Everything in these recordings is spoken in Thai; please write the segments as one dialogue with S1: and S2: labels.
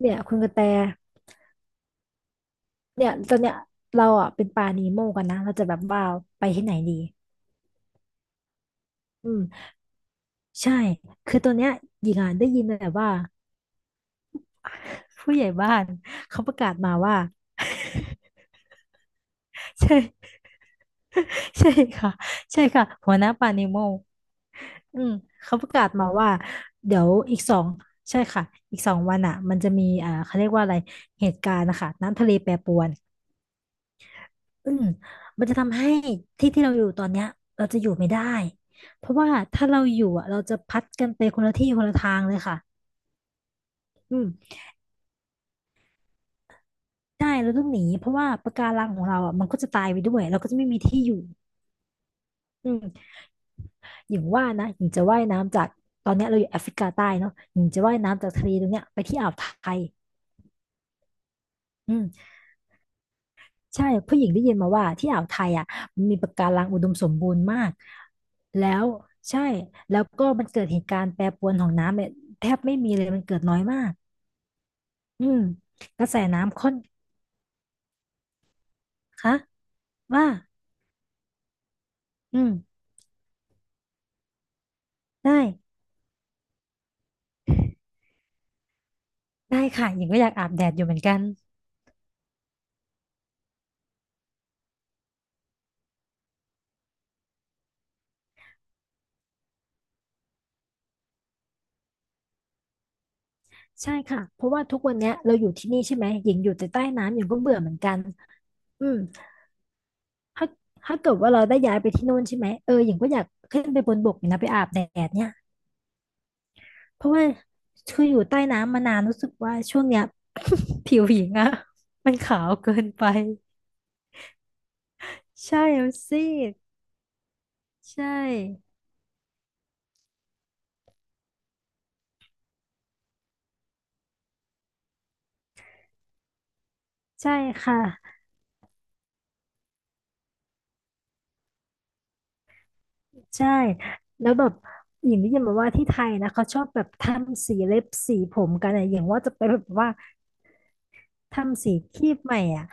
S1: เนี่ยคุณกระแตเนี่ยตอนเนี้ยเราอ่ะเป็นปลานีโมกันนะเราจะแบบว่าไปที่ไหนดีอืมใช่คือตอนเนี้ยหญิงอ่ะได้ยินแต่ว่าผู้ใหญ่บ้านเขาประกาศมาว่า ใช่ ใช่ค่ะใช่ค่ะหัวหน้าปลานิโมอืมเขาประกาศมาว่าเดี๋ยวอีกสองใช่ค่ะอีกสองวันอ่ะมันจะมีเขาเรียกว่าอะไรเหตุการณ์นะคะน้ำทะเลแปรปรวน อืมมันจะทำให้ที่ที่เราอยู่ตอนเนี้ยเราจะอยู่ไม่ได้เพราะว่าถ้าเราอยู่อ่ะเราจะพัดกันไปคนละที่คนละทางเลยค่ะอืมใช่เราต้องหนีเพราะว่าปะการังของเราอ่ะมันก็จะตายไปด้วยเราก็จะไม่มีที่อยู่อืมอย่างว่านะหญิงจะว่ายน้ำจากตอนเนี้ยเราอยู่แอฟริกาใต้เนาะหญิงจะว่ายน้ำจากทะเลตรงเนี้ยไปที่อ่าวไทยอืม ใช่ผู้หญิงได้ยินมาว่าที่อ่าวไทยอ่ะมันมีปะการังอุดมสมบูรณ์มากแล้วใช่แล้วก็มันเกิดเหตุการณ์แปรปรวนของน้ำเนี่ยแทบไม่มีเลยมันเกิดน้อยมากอืมกระแสน้ำข้นคะว่าอืมได้ได้ค่ะหญิงก็อยากอาบแดดอยู่เหมือนกันใช่ค่ะเพราะว่าทุกวันเนี้ยเราอยู่ที่นี่ใช่ไหมหญิงอยู่แต่ใต้น้ำหญิงก็เบื่อเหมือนกันอืมถ้าถ้าเกิดว่าเราได้ย้ายไปที่โน่นใช่ไหมเออหญิงก็อยากขึ้นไปบนบกเนี่ยนะไปอาบแดดเนี่ย เพราะว่าคืออยู่ใต้น้ำมานานรู้สึกว่าช่วงเนี้ย ผิวหญิงอะมันขาวเกินไปใช่มันซีดใช่ใช่ค่ะใช่แล้วแบบหญิงได้ยินมาว่าที่ไทยนะเขาชอบแบบทำสีเล็บสีผมกันอะอย่างว่าจะไปแบบว่าทำสีครีบใหม่อ่ะ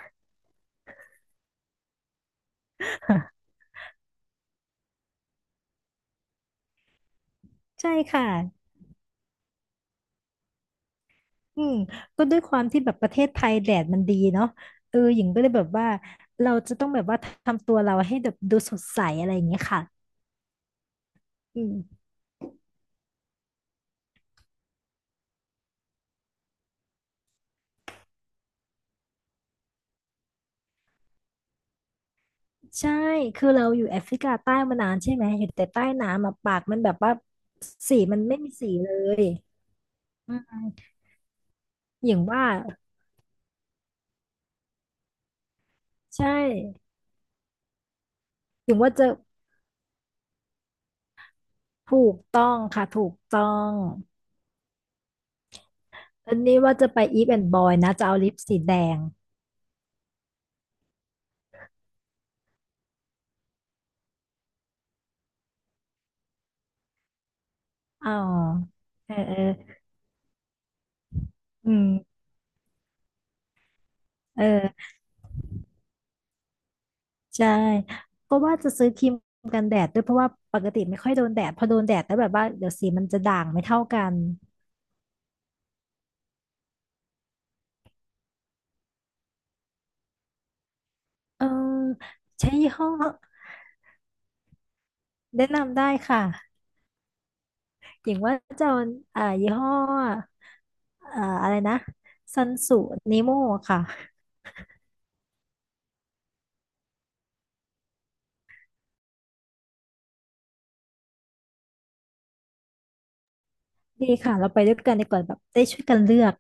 S1: ใช่ค่ะอืมก็ด้วยความที่แบบประเทศไทยแดดมันดีเนาะเออหญิงก็เลยแบบว่าเราจะต้องแบบว่าทำตัวเราให้แบบดูสดใสอะไรอย่างเงี้ยค่ะอืม ใช่คือเราอยู่แอฟริกาใต้มานานใช่ไหมอยู่แต่ใต้น้ำอะปากมันแบบว่าสีมันไม่มีสีเลยอืมอย่างว่าใช่อย่างว่าจะถูกต้องค่ะถูกต้องตอนนี้ว่าจะไปอีฟแอนด์บอยนะจะเอาลิปสีแดงอ๋อเออเอออืมเออใช่ ก็ว่าจะซื้อครีมกันแดดด้วยเพราะว่าปกติไม่ค่อยโดนแดดพอโดนแดดแล้วแบบว่าเดี๋ยวสีมันจะด่างไม่เท่ากันเออใช้ยี่ห้อแนะนำได้ค่ะ อย่างว่าจะเอายี่ห้ออะไรนะซันสูนิโมค่ะดีค่ะเราไปด้วยกันดีกว่าแบบได้ช่วยกันเลือก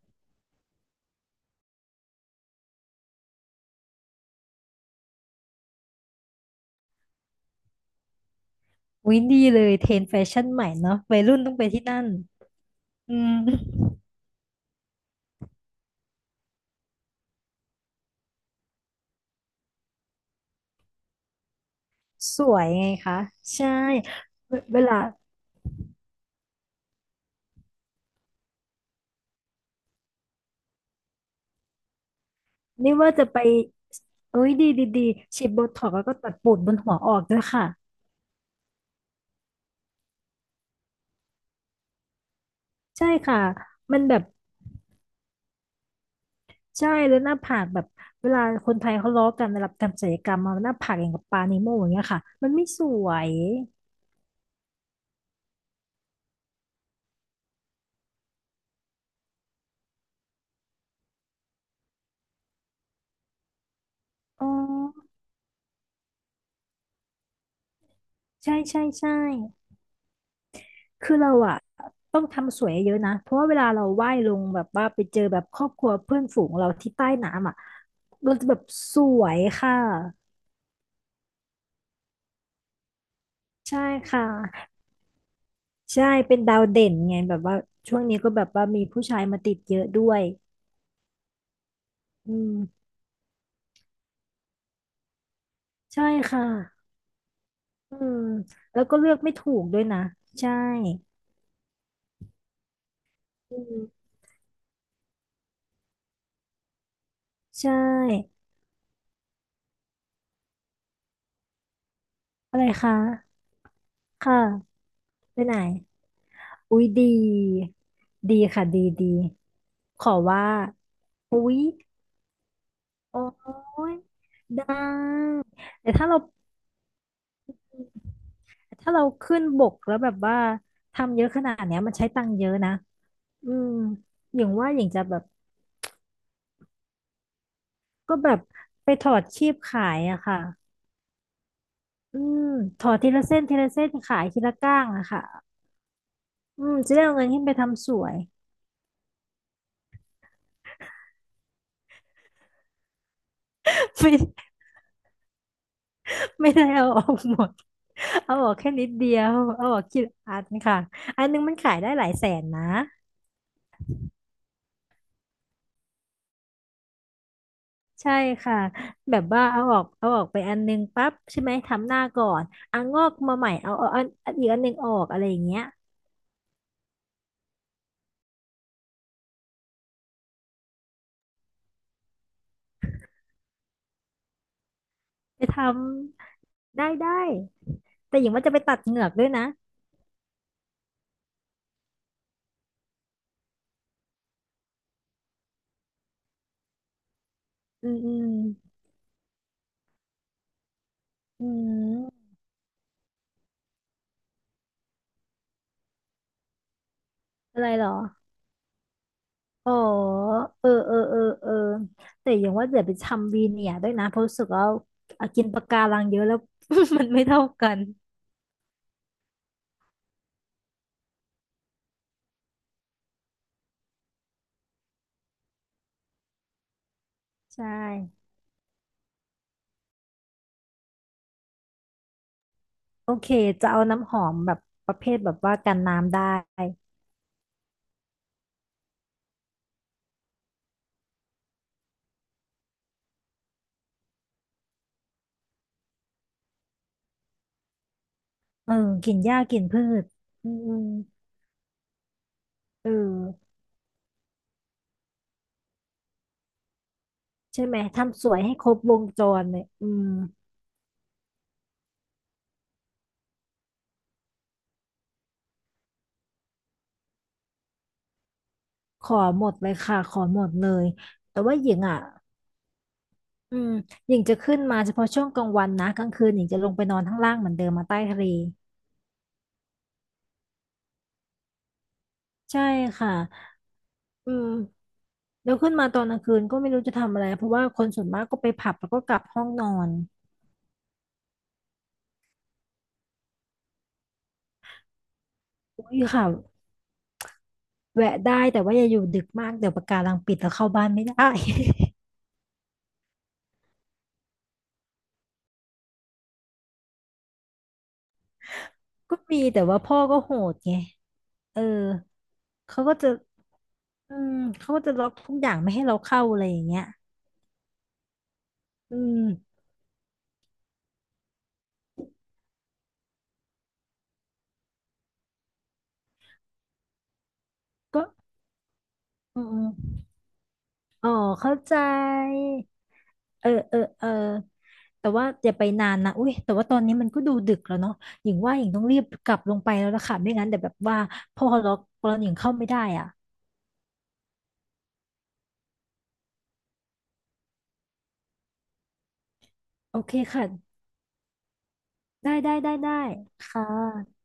S1: อิ๊ยดีเลยเทรนด์แฟชั่นใหม่เนาะวัยรุ่นต้องไปที่นั่นอืมสวยไงคะใช่เวลานี่ว่าจะไปเอ้ยดีฉีดโบท็อกซ์แล้วก็ตัดปูดบนหัวออกด้วยค่ะใช่ค่ะมันแบบใช่แล้วหน้าผากแบบเวลาคนไทยเขาล้อกันเวลาทำศัลยกรรมมาหน้าผากอย่างกับปลานีโมอย่างเงี้ยค่ะมันไม่สวย อ๋อใช่คือเราอะต้องทำสวยเยอะนะเพราะว่าเวลาเราว่ายลงแบบว่าไปเจอแบบครอบครัวเพื่อนฝูงเราที่ใต้น้ำอะเราจะแบบสวยค่ะใช่ค่ะใช่เป็นดาวเด่นไงแบบว่าช่วงนี้ก็แบบว่ามีผู้ชายมาติดเยอะด้วยอืมใช่ค่ะอืมแล้วก็เลือกไม่ถูกด้วยนะใช่อืมใช่อะไรคะค่ะไปไหน อุ๊ยดีค่ะดีขอว่าอุ๊ยโอ้ยได้แต่ถ้าเราขึ้นบกแล้วแบบว่าทำเยอะขนาดเนี้ยมันใช้ตังค์เยอะนะอืมอย่างว่าอย่างจะแบบก็แบบไปถอดคีบขายอะค่ะอืมถอดทีละเส้นทีละเส้นขายทีละก้างอะค่ะอืมจะได้เอาเงินขึ้นไปทำสวย ฟิน ไม่ได้เอาออกหมดเอาออกแค่นิดเดียวเอาออกกี่อันค่ะ อันนึงมันขายได้หลายแสนนะ ใช่ค่ะ แบบว่าเอาออกไปอันนึงปั๊บใช่ไหมทำหน้าก่อนอ่ะงอกมาใหม่เอาอันอีกอันนึงออกอะไรอย่างเงี้ยไปทำได้แต่หญิงว่าจะไปตัดเหงือกด้วยนะอืมอืมอะไรเหรอ อ๋อเออแต่อย่างว่าเดี๋ยวไปทำวีเนียร์ด้วยนะเพราะรู้สึกว่าเอากินปะการังเยอะแล้ว มันไม่เท่ากันใช่โอเคจะเอาน้ำหอมแบบประเภทแบบว่ากันน้ำได้เออกลิ่นหญ้ากลิ่นพืชอืมเออใช่ไหมทำสวยให้ครบวงจรเลยอืมขอหมดเลยค่ะขอหมดเลยแต่ว่าหญิงอ่ะอืมหญิงจะขึ้นมาเฉพาะช่วงกลางวันนะกลางคืนหญิงจะลงไปนอนข้างล่างเหมือนเดิมมาใต้ทะเลใช่ค่ะ อืมแล้วขึ้นมาตอนกลางคืนก็ไม่รู้จะทำอะไรเพราะว่าคนส่วนมากก็ไปผับแล้วก็กลับห้องนอนอุ้ยค่ะแวะได้แต่ว่าอย่าอยู่ดึกมากเดี๋ยวปะการังปิดแล้วเข้าบ้านไม่ได้ ก็มีแต่ว่าพ่อก็โหดไงเออเขาก็จะอืมเขาก็จะล็อกทุกอย่างไม่ให้เราเข้าอะไรอย่างเงี้ยอืมก็อืมอมอ๋อเข้าใจ เออแต่ว่าอย่าไปนานนะอุ้ยแต่ว่าตอนนี้มันก็ดูดึกแล้วเนาะหญิงว่าหญิงต้องรีบกลับลงไปแล้วล่ะค่ะไม่งั้นเดี๋ยวแบบว่าพอล็อกตอนหญิงเข้าไม่ได้อ่ะโอเคค่ะได้ค่ะ